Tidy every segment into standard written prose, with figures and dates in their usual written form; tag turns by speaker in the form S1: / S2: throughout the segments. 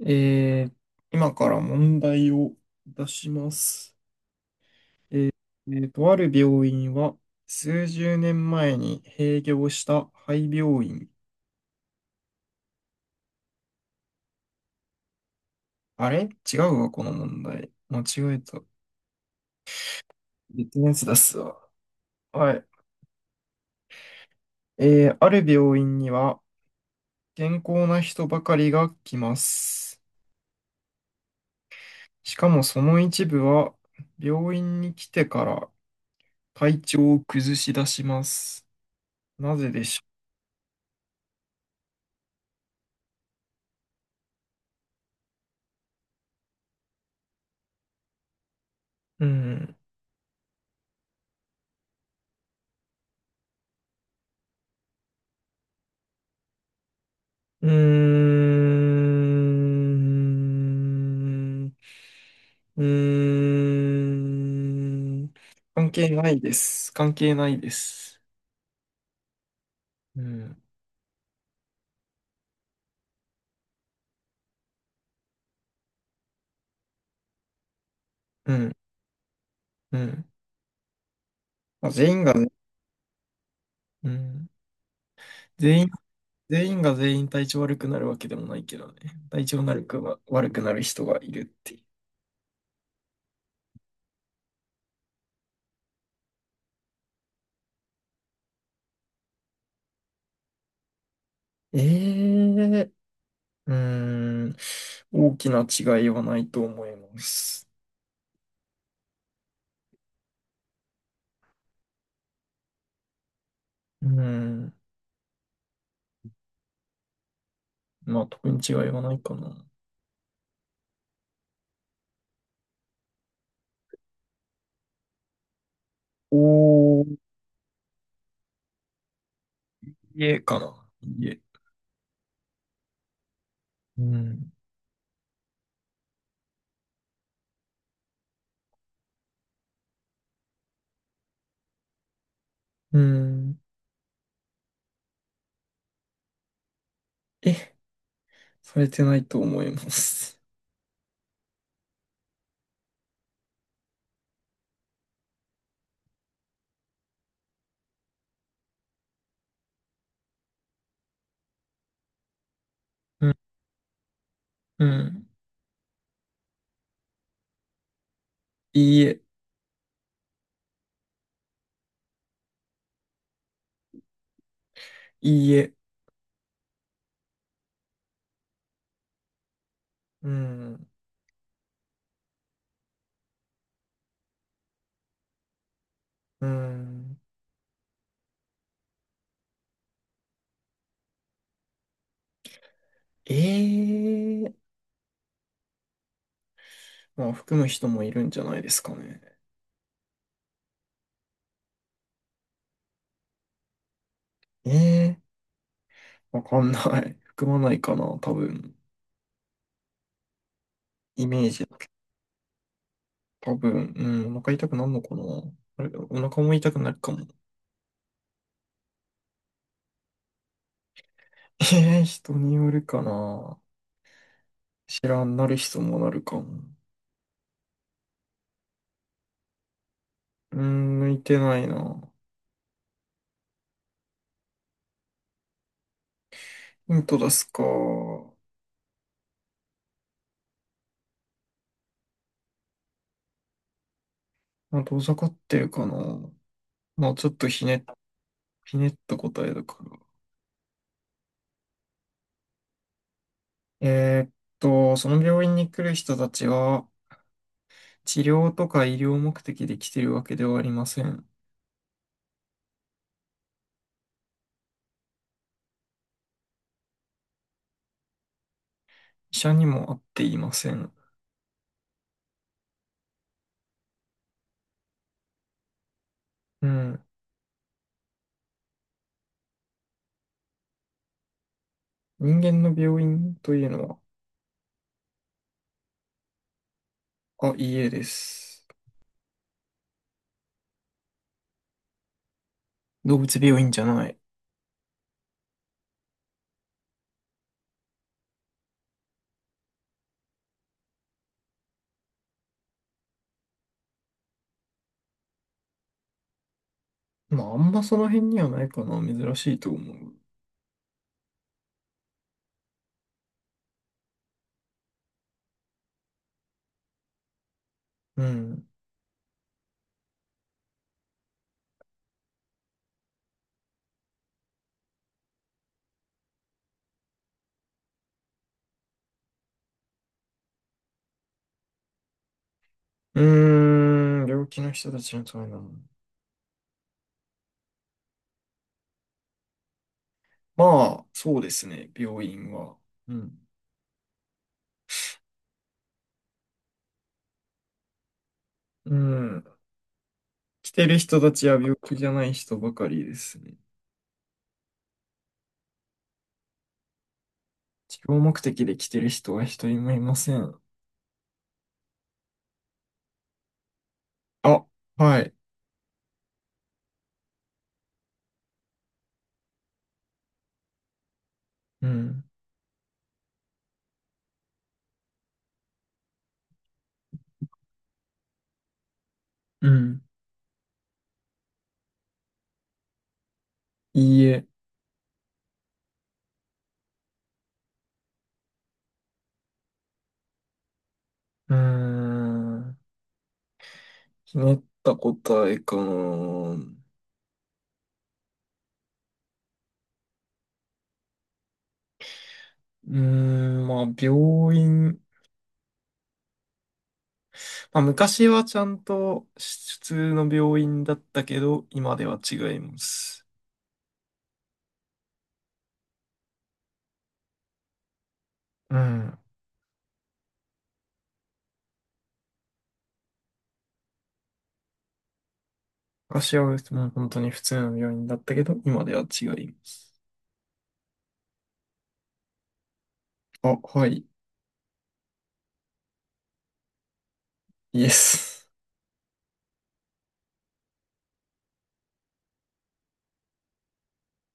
S1: えー今から問題を出します。ある病院は数十年前に閉業した廃病院。あれ違うわ、この問題。間違えた。別のやつ出すわ。はい。ある病院には健康な人ばかりが来ます。しかもその一部は病院に来てから体調を崩し出します。なぜでしょう。うん。うーん。うーん。関係ないです。関係ないです。うん。うん。うん。まあ、全員がね、うん。全員、全員が全員体調悪くなるわけでもないけどね。体調悪くは悪くなる人がいるっていう。えうーん。大きな違いはないと思います。うん。まあ、特に違いはないかな。お家かな。家。うん。うん。え、されてないと思います。うん。うん。いいえ。いいえ。うん。うん。ええ、まあ、含む人もいるんじゃないですかね。ええわかんない。含まないかな、多分。イメージ。多分、うん、お腹痛くなるのかな。あれ、お腹も痛くなるかも。ええ、人によるかな。知らん、なる人もなるかも。うーん、向いてないな。本当ですか。まあ、遠ざかってるかな。まあ、ちょっとひねった答えだから。えーっその病院に来る人たちは、治療とか医療目的で来てるわけではありません。医者にも会っていません。うん。人間の病院というのは、あ、いいえです。動物病院じゃない。まあ、あんまその辺にはないかな。珍しいと思う。うん。うーん、病気の人たちのためなの。まあ、そうですね、病院は。うん。うん。来てる人たちは病気じゃない人ばかりですね。治療目的で来てる人は一人もいません。あ、はい。うん。うん。いいえ。うーん。ひねった答えかな。うーん、まあ、病院。まあ、昔はちゃんと普通の病院だったけど、今では違います。うん。昔はもう本当に普通の病院だったけど、今では違います。あ、はい、イエス。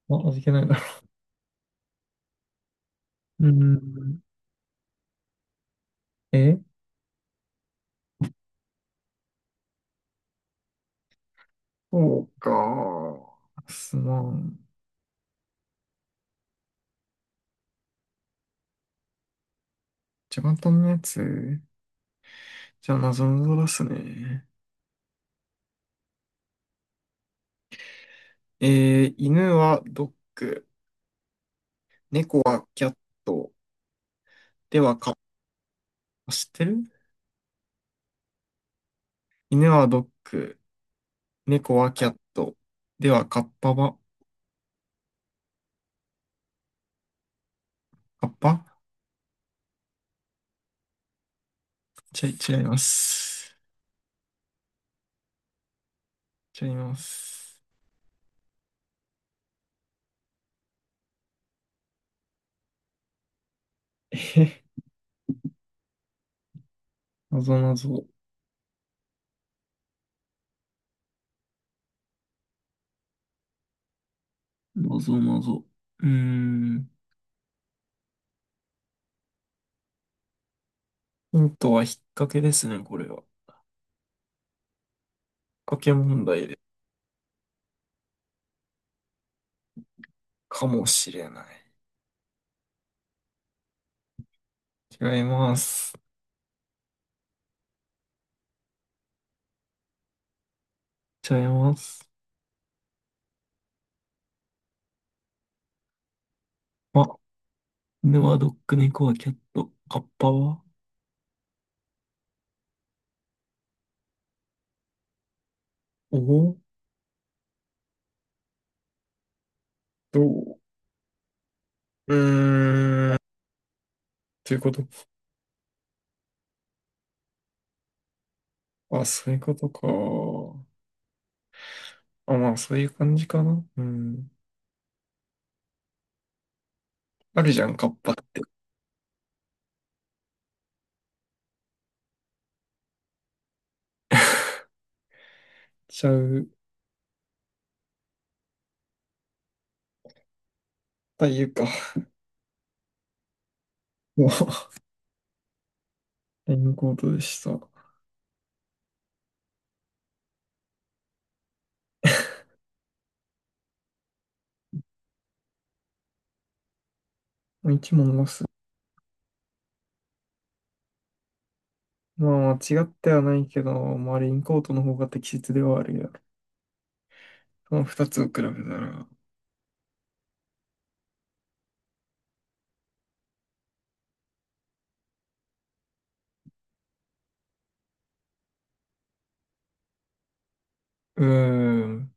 S1: あ、味気ないだろう。うーん。え、そうか。すまん。じゃ簡単なやつ。じゃあ、謎ぞ出すね。え犬はドッグ、猫はキャット、ではカッパ、知ってる。犬はドッグ、猫はキャット、ではカッパは、カッパ、ちゃ、違います。違います。え、謎ぞ。謎謎。うーん。ヒントは引っ掛けですね、これは。引っ掛け問題で。かもしれない。違います。違います。あ、犬はドッグ、猫はキャット、カッパはおお、どう、うーん。ということ。あ、そういうことか。あ、まあ、そういう感じかな。うん。あるじゃん、カッパって。ちゃう。というか。もう、レインコートでした。もう一問ます。まあ、間違ってはないけど、まあ、レインコートの方が適切ではあるよ。その二つを比べたら。うーん。